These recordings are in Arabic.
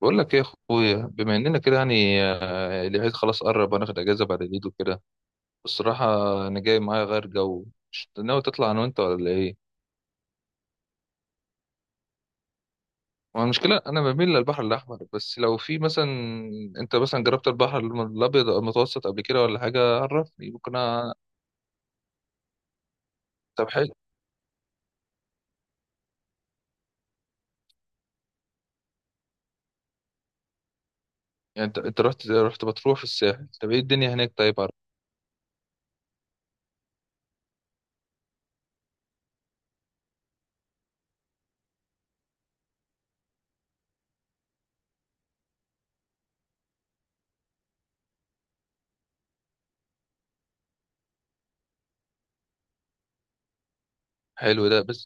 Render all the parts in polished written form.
بقول لك ايه يا اخويا، بما اننا كده يعني العيد خلاص قرب، هناخد اجازه بعد العيد وكده. الصراحه، انا جاي معايا غير جو. مش ناوي تطلع انا وانت ولا ايه؟ هو المشكله انا بميل للبحر الاحمر، بس لو في مثلا. انت مثلا جربت البحر الابيض أو المتوسط قبل كده ولا حاجه، عرفني ممكن طب حلو. يعني انت رحت رحت بتروح في الساحل، طب ايه الدنيا هناك؟ طيب عرف. حلو، ده بس.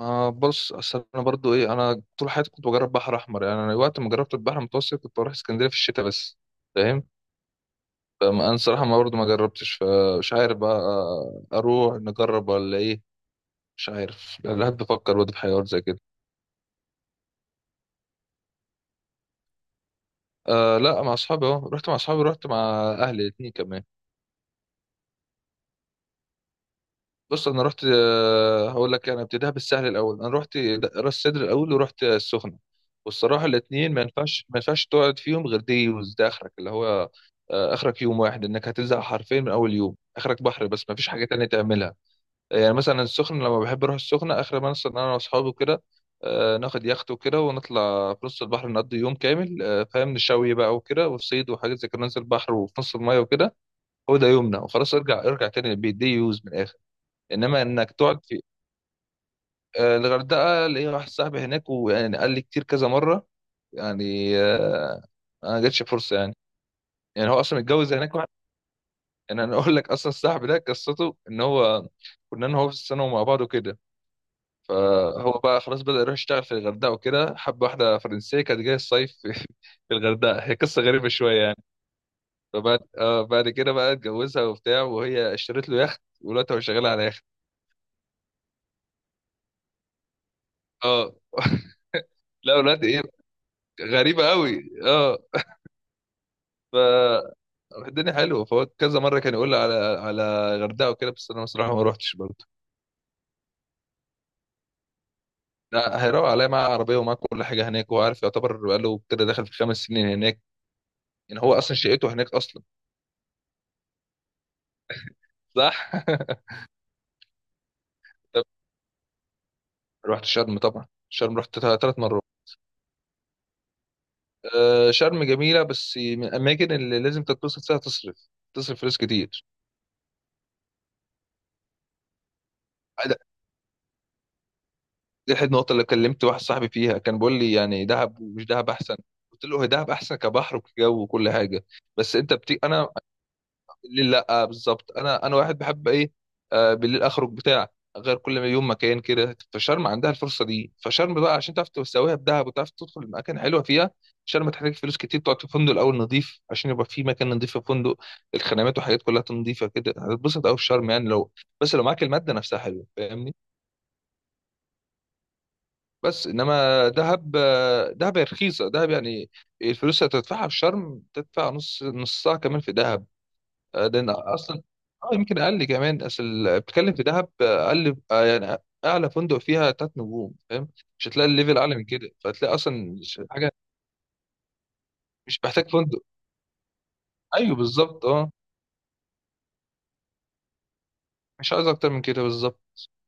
ما بص، اصل انا برضو ايه، انا طول حياتي كنت بجرب بحر احمر، يعني انا وقت ما جربت البحر المتوسط كنت بروح اسكندريه في الشتاء بس. فاهم. فانا الصراحه، ما برضه ما جربتش، فمش عارف بقى. اروح نجرب ولا ايه؟ مش عارف، لا لا، بفكر برضه في حاجات زي كده. آه لا، مع اصحابي، اهو رحت مع اصحابي، رحت مع اهلي الاتنين كمان. بص، انا رحت هقول لك، انا ابتديها بالسهل الاول، انا رحت راس سدر الاول، ورحت السخنه. والصراحه الاتنين ما ينفعش تقعد فيهم غير دي يوز، ده اخرك اللي هو. آه، اخرك يوم واحد انك هتزهق حرفيا، من اول يوم اخرك بحر بس ما فيش حاجه تانية تعملها. يعني مثلا السخنة، لما بحب أروح السخنة آخر ما نصل إن أنا وأصحابي كده. ناخد يخت وكده، ونطلع في نص البحر نقضي يوم كامل، فاهم، نشوي بقى وكده وصيد وحاجات زي كده، ننزل البحر وفي نص المية وكده. هو ده يومنا وخلاص، ارجع تاني البيت، دي يوز من الآخر. إنما إنك تقعد في. آه، الغردقة ليا واحد صاحبي هناك، ويعني قال لي كتير كذا مرة. يعني. أنا ما جاتش فرصة يعني. يعني هو أصلا متجوز هناك واحد. يعني أنا أقول لك، أصلا صاحبي ده قصته إن هو. كنا أنا وهو في السنة ومع بعض وكده. فهو بقى خلاص بدأ يروح يشتغل في الغردقة وكده، حب واحدة فرنسية كانت جاية الصيف في. في الغردقة، هي قصة غريبة شوية يعني. فبعد آه بعد كده بقى اتجوزها وبتاع، وهي اشترت له يخت، ودلوقتي هو شغال على يخت. اه. لا، ولاد ايه. غريبة قوي، اه. ف الدنيا حلوه، فهو كذا مرة كان يقول لي على غردقة وكده، بس انا بصراحة ما روحتش برضه. لا، هيروق عليا معاه عربية ومعاه كل حاجة هناك، وهو عارف، يعتبر بقاله كده داخل في 5 سنين هناك. يعني هو اصلا شقته هناك اصلا. صح. رحت شرم طبعا، شرم رحت 3 مرات. آه، شرم جميله، بس من الاماكن اللي لازم تتبسط فيها، تصرف تصرف فلوس كتير. آه، دي احد النقط اللي كلمت واحد صاحبي فيها، كان بيقول لي يعني دهب ومش دهب احسن. قلت له هي دهب احسن كبحر وكجو وكل حاجه. بس انت انا. بالليل لا، آه بالظبط، انا واحد بحب ايه. آه بالليل اخرج بتاع. غير كل ما يوم مكان كده، فشرم عندها الفرصه دي، فشرم بقى عشان تعرف تسويها بدهب وتعرف تدخل المكان حلوه فيها. شرم تحتاج فلوس كتير، تقعد في فندق الاول نظيف عشان يبقى في مكان نظيف في الفندق. الخدمات وحاجات كلها نظيفه كده، هتتبسط قوي في شرم يعني لو. بس لو معاك الماده نفسها حلوه، فاهمني. بس انما دهب هي رخيصه دهب يعني. الفلوس اللي هتدفعها في شرم، تدفع نصها كمان في دهب. آه، لان اصلا. اه يمكن اقل كمان، اصل بتتكلم في دهب اقل، يعني. اعلى فندق فيها 3 نجوم، فاهم. مش هتلاقي الليفل اعلى من كده، فهتلاقي اصلا. مش حاجه. مش محتاج فندق ايوه بالظبط، اه. مش عايز اكتر من كده بالظبط.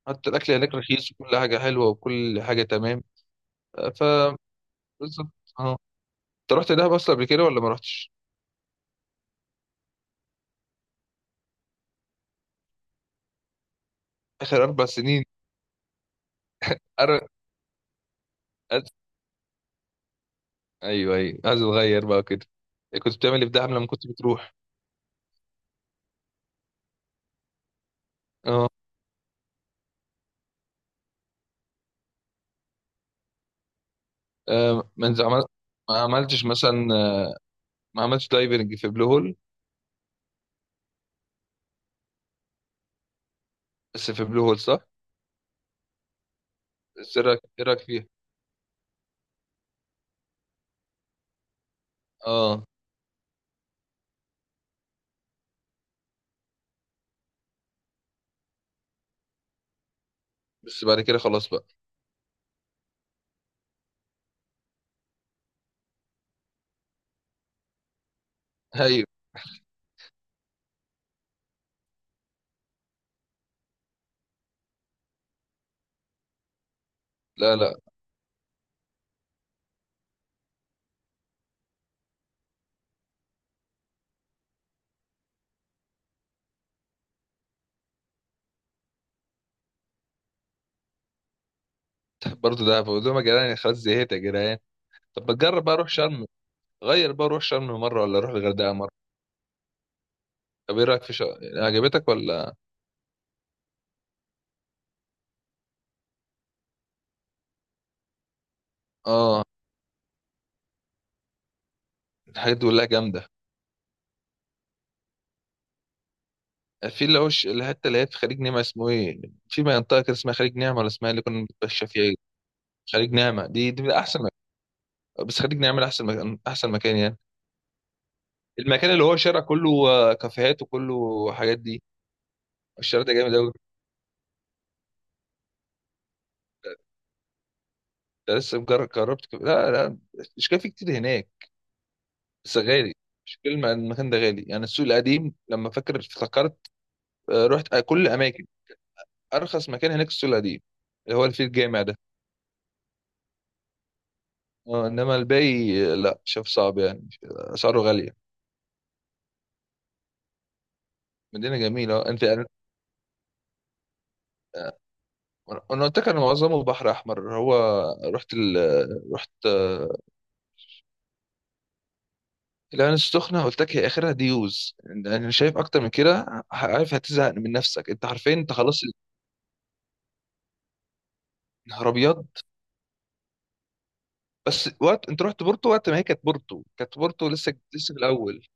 حتى الاكل هناك رخيص وكل حاجه حلوه وكل حاجه تمام. آه. بالظبط. اه. انت رحت دهب اصلا قبل كده ولا ما رحتش؟ اخر 4 سنين. أر... أز... ايوه، ايوه، عايز اتغير بقى كده. كنت بتعمل ايه في دهب لما كنت بتروح؟ اه. آه، ما عملتش مثلا. ما عملتش دايفنج في بلو هول. بس في بلو هول، صح؟ بس ايه رايك إيه رأيك فيها؟ اه بس بعد كده خلاص بقى. ايوه. لا، لا، برضه دهب، قلت لهم يا جدعان خلاص زهقت يا جدعان. طب بتجرب بقى اروح شرم. غير بقى اروح شرم مره ولا اروح الغردقه مره؟ طب ايه رايك في شرم، عجبتك ولا؟ اه، الحاجات دي كلها جامده. في اللي هو الحته اللي هي في خليج نعمه، اسمه ايه؟ في منطقه كده اسمها خليج نعمه ولا اسمها إيه، اللي كنا بنتمشى فيها، ايه؟ خليج نعمه دي من احسن مكان. بس خليج نعمه احسن مكان احسن مكان يعني. المكان اللي هو شارع كله كافيهات وكله حاجات دي. الشارع ده جامد قوي. ده لسه مجرد جربت كافيه. لا، لا. مش كافيه كتير هناك. بس غالي. مش كلمة، المكان ده غالي يعني، السوق القديم لما فاكر افتكرت. آه، رحت كل اماكن. ارخص مكان هناك السوق القديم. اللي هو اللي فيه الجامع ده. آه، انما الباقي لا شاف صعب يعني، اسعاره غالية. مدينة جميلة، انا. أنا قلت لك، انا معظمه بحر احمر هو. رحت رحت، العين السخنة قلت لك، هي آخرها ديوز، أنا شايف أكتر من كده عارف هتزهق من نفسك، أنت عارفين، أنت خلاص. الهربيات. بس وقت أنت رحت بورتو، وقت ما هي كانت بورتو لسه لسه في الأول.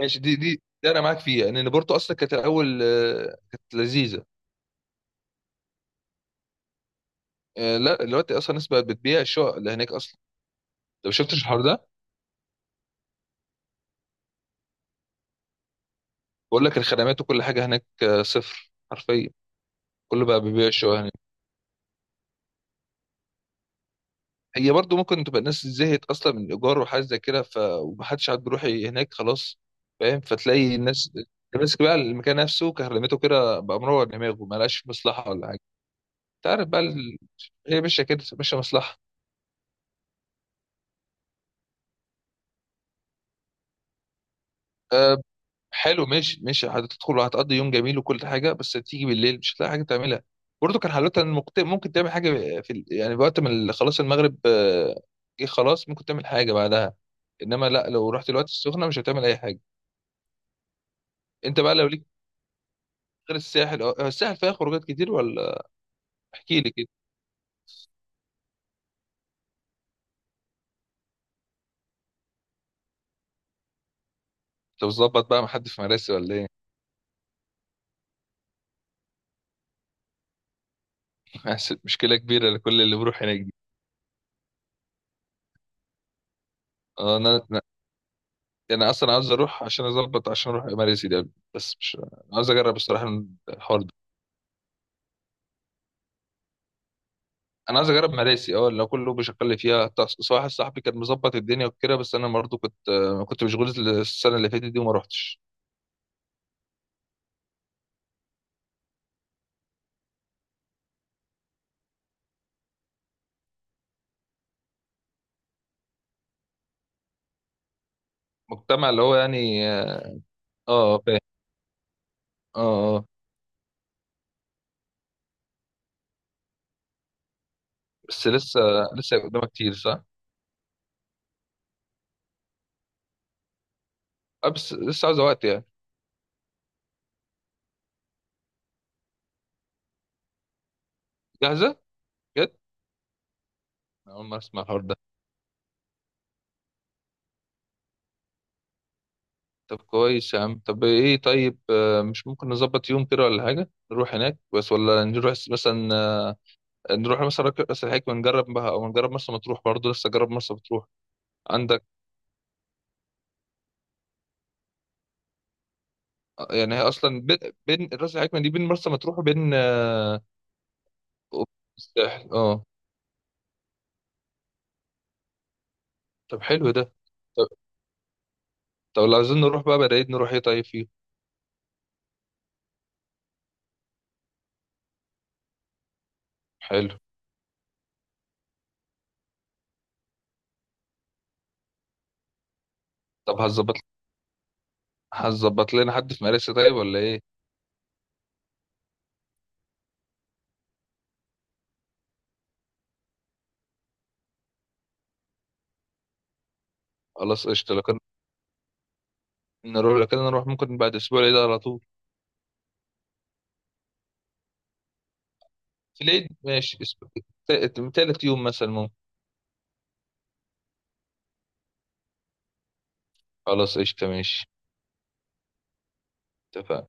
ماشي دي دي ده أنا معاك فيها، لأن بورتو أصلا كانت الأول كانت لذيذة. آه، لا، دلوقتي أصلا الناس بقت بتبيع الشقق اللي هناك أصلا. أنت ما شفتش الحوار ده؟ بقول لك الخدمات وكل حاجة هناك صفر حرفيا. كله بقى بيبيع الشقق هناك. هي برضو ممكن تبقى الناس زهقت اصلا من الايجار وحاجه زي كده، ومحدش عاد بيروح هناك خلاص. فاهم، فتلاقي الناس. ماسك بقى المكان نفسه، كهرمته كده بقى مروع دماغه، ما لقاش مصلحه ولا حاجه. انت عارف بقى هي ماشيه كده، ماشيه مصلحه. أه. حلو، ماشي ماشي، هتدخل وهتقضي يوم جميل وكل حاجه، بس تيجي بالليل مش هتلاقي حاجه تعملها. برضو كان حلوتها ان ممكن تعمل حاجه في يعني وقت ما خلاص المغرب جه خلاص، ممكن تعمل حاجه بعدها. انما لا، لو رحت الوقت السخنه مش هتعمل اي حاجه. انت بقى لو ليك. غير الساحل، الساحل فيها خروجات كتير ولا؟ احكي لي كده. انت بتظبط بقى مع حد في مراسي ولا ايه؟ عشان مشكله كبيره لكل اللي بيروح هناك دي. آه، انا انا اصلا عاوز اروح عشان اظبط، عشان اروح مراسي ده. بس مش، أنا عاوز اجرب الصراحه. الحوار ده. انا عايز اجرب مراسي اه، لو كله بيشغل لي فيها، طب بس واحد صاحبي كان مظبط الدنيا وكده، بس انا برضه كنت مشغول السنه اللي فاتت دي وما روحتش. مجتمع اللي هو يعني اه. آه، فاهم. اه، اه. بس لسه. لسه قدامها كتير، صح؟ آه، بس لسه عاوزه وقت يعني. جاهزه. أنا أول ما أسمع الحوار ده. طب كويس يا عم، طب إيه، طيب مش ممكن نظبط يوم كده ولا حاجة، نروح هناك بس، ولا نروح مثلا نروح مثلا راس الحكمة، ونجرب بها، أو نجرب مرسى مطروح برضه، لسه جرب مرسى مطروح. عندك. آه، يعني هي أصلا بين. بين راس الحكمة دي، بين مرسى مطروح وبين وبين. الساحل أه. طب حلو ده. طب, طب لو عايزين نروح بقى، بدأت نروح إيه طيب فيه. حلو. طب هتظبط. هتظبط لنا حد في مراسي طيب ولا إيه؟ خلاص قشطة لو كان. نروح لو كده، نروح ممكن بعد أسبوع العيد على طول. في العيد ماشي تالت يوم مثلا ممكن. خلاص قشطة ماشي. اتفقنا.